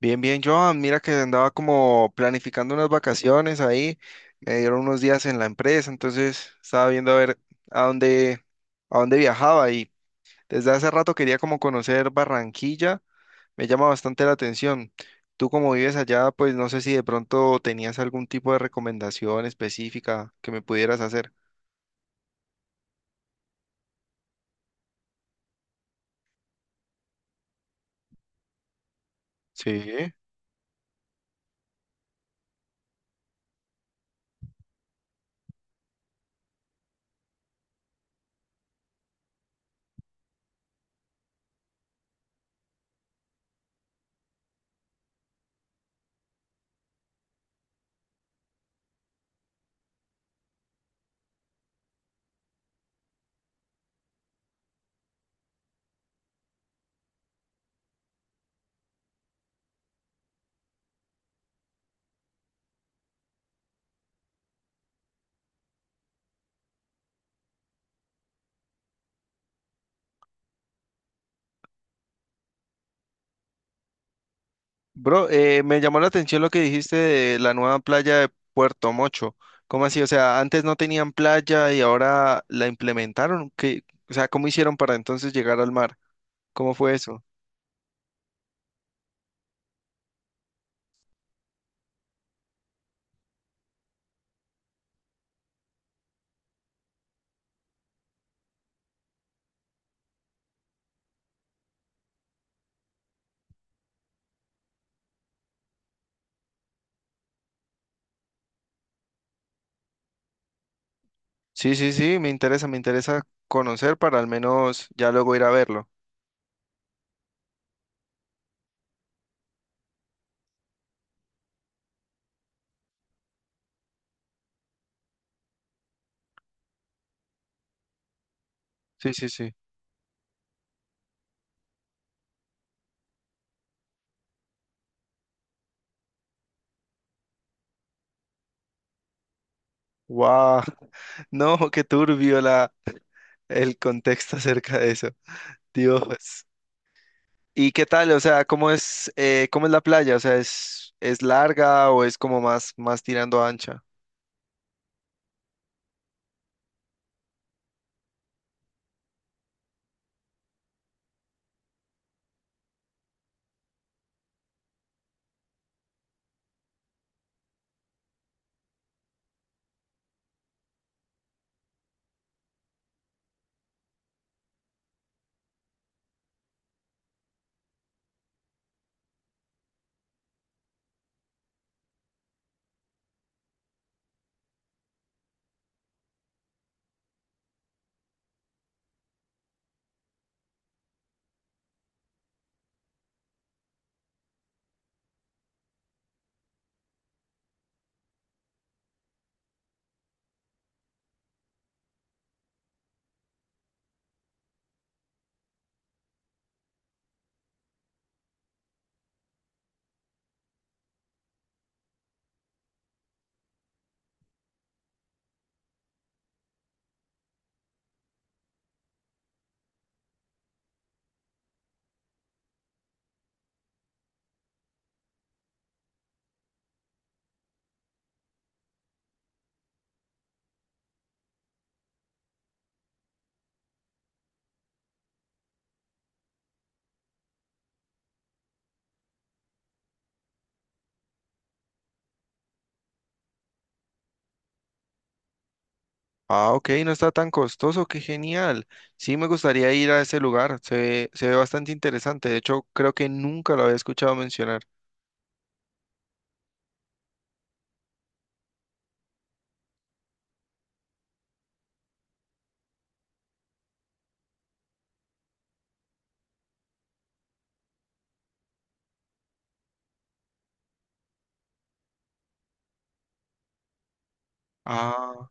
Bien, bien, Joan, mira que andaba como planificando unas vacaciones ahí, me dieron unos días en la empresa, entonces estaba viendo a ver a dónde, a dónde viajaba y desde hace rato quería como conocer Barranquilla, me llama bastante la atención. Tú como vives allá, pues no sé si de pronto tenías algún tipo de recomendación específica que me pudieras hacer. Sí. Bro, me llamó la atención lo que dijiste de la nueva playa de Puerto Mocho. ¿Cómo así? O sea, ¿antes no tenían playa y ahora la implementaron? ¿Qué, o sea, cómo hicieron para entonces llegar al mar? ¿Cómo fue eso? Sí, sí, sí, me interesa conocer para al menos ya luego ir a verlo. Sí, sí, sí. ¡Wow! No, qué turbio la, el contexto acerca de eso. Dios. ¿Y qué tal? O sea, cómo es la playa? O sea, es larga o es como más, más tirando a ancha? Ah, ok, no está tan costoso, qué genial. Sí, me gustaría ir a ese lugar, se ve bastante interesante. De hecho, creo que nunca lo había escuchado mencionar. Ah,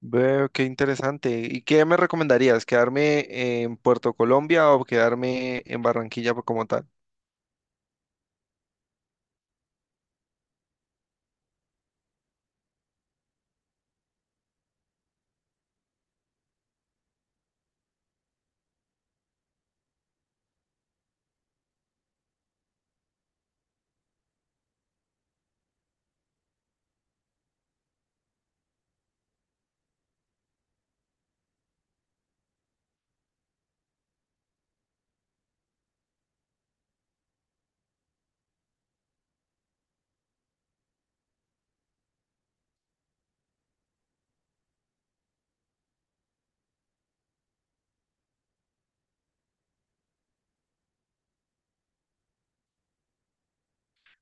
veo, qué interesante. ¿Y qué me recomendarías? ¿Quedarme en Puerto Colombia o quedarme en Barranquilla por- como tal?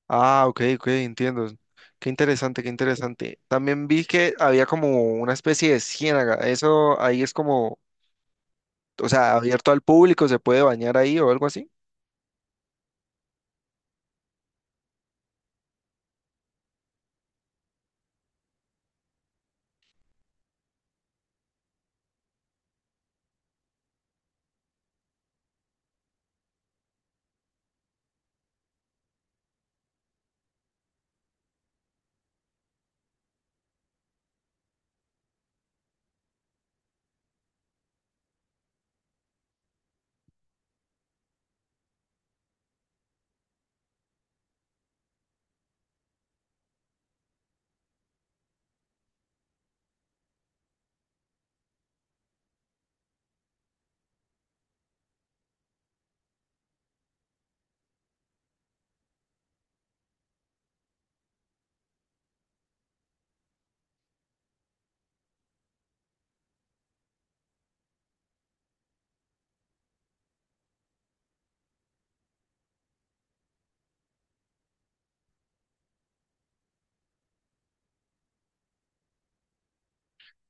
Ah, ok, ok, entiendo. Qué interesante, qué interesante. También vi que había como una especie de ciénaga. Eso ahí es como, o sea, ¿abierto al público, se puede bañar ahí o algo así?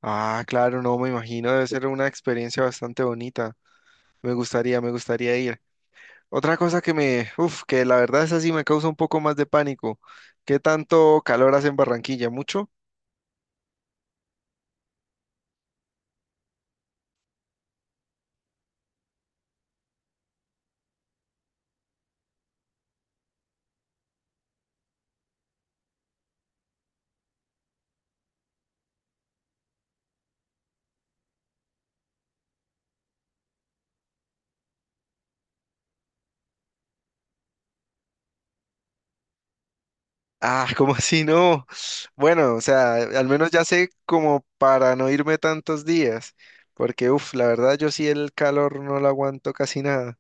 Ah, claro, no, me imagino, debe ser una experiencia bastante bonita. Me gustaría ir. Otra cosa que me, uf, que la verdad es así, me causa un poco más de pánico. ¿Qué tanto calor hace en Barranquilla? ¿Mucho? Ah, ¿como así no? Bueno, o sea, al menos ya sé como para no irme tantos días, porque uf, la verdad yo sí el calor no lo aguanto casi nada.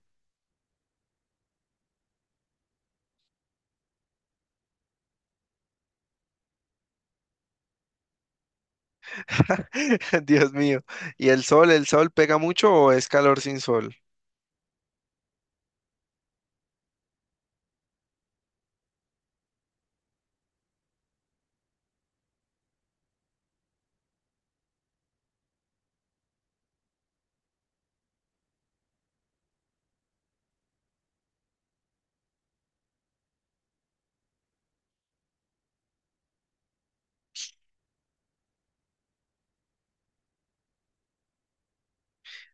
Dios mío. ¿Y el sol pega mucho o es calor sin sol?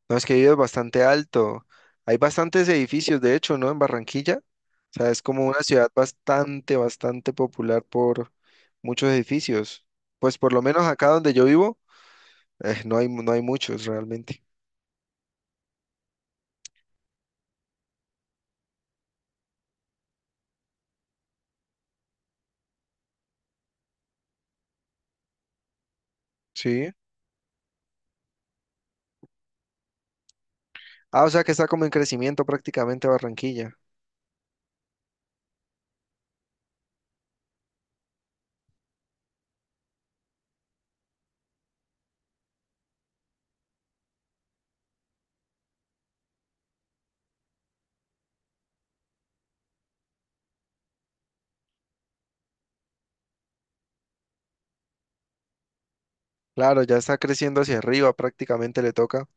No, es que vive bastante alto. Hay bastantes edificios, de hecho, ¿no? En Barranquilla. O sea, es como una ciudad bastante, bastante popular por muchos edificios. Pues por lo menos acá donde yo vivo, no hay, no hay muchos realmente. Sí. Ah, o sea que está como en crecimiento prácticamente Barranquilla. Claro, ya está creciendo hacia arriba, prácticamente le toca.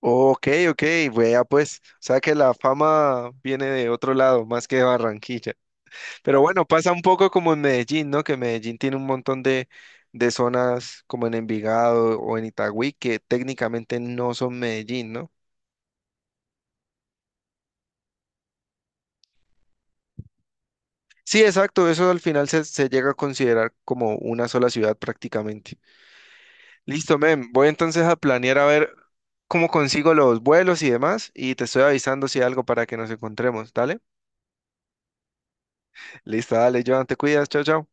Ok, ok, vea pues. O sea que la fama viene de otro lado, más que de Barranquilla. Pero bueno, pasa un poco como en Medellín, ¿no? Que Medellín tiene un montón de zonas como en Envigado o en Itagüí que técnicamente no son Medellín, ¿no? Sí, exacto, eso al final se, se llega a considerar como una sola ciudad prácticamente. Listo, men, voy entonces a planear a ver cómo consigo los vuelos y demás y te estoy avisando si hay algo para que nos encontremos, ¿dale? Listo, dale, Joan, te cuidas, chao, chao.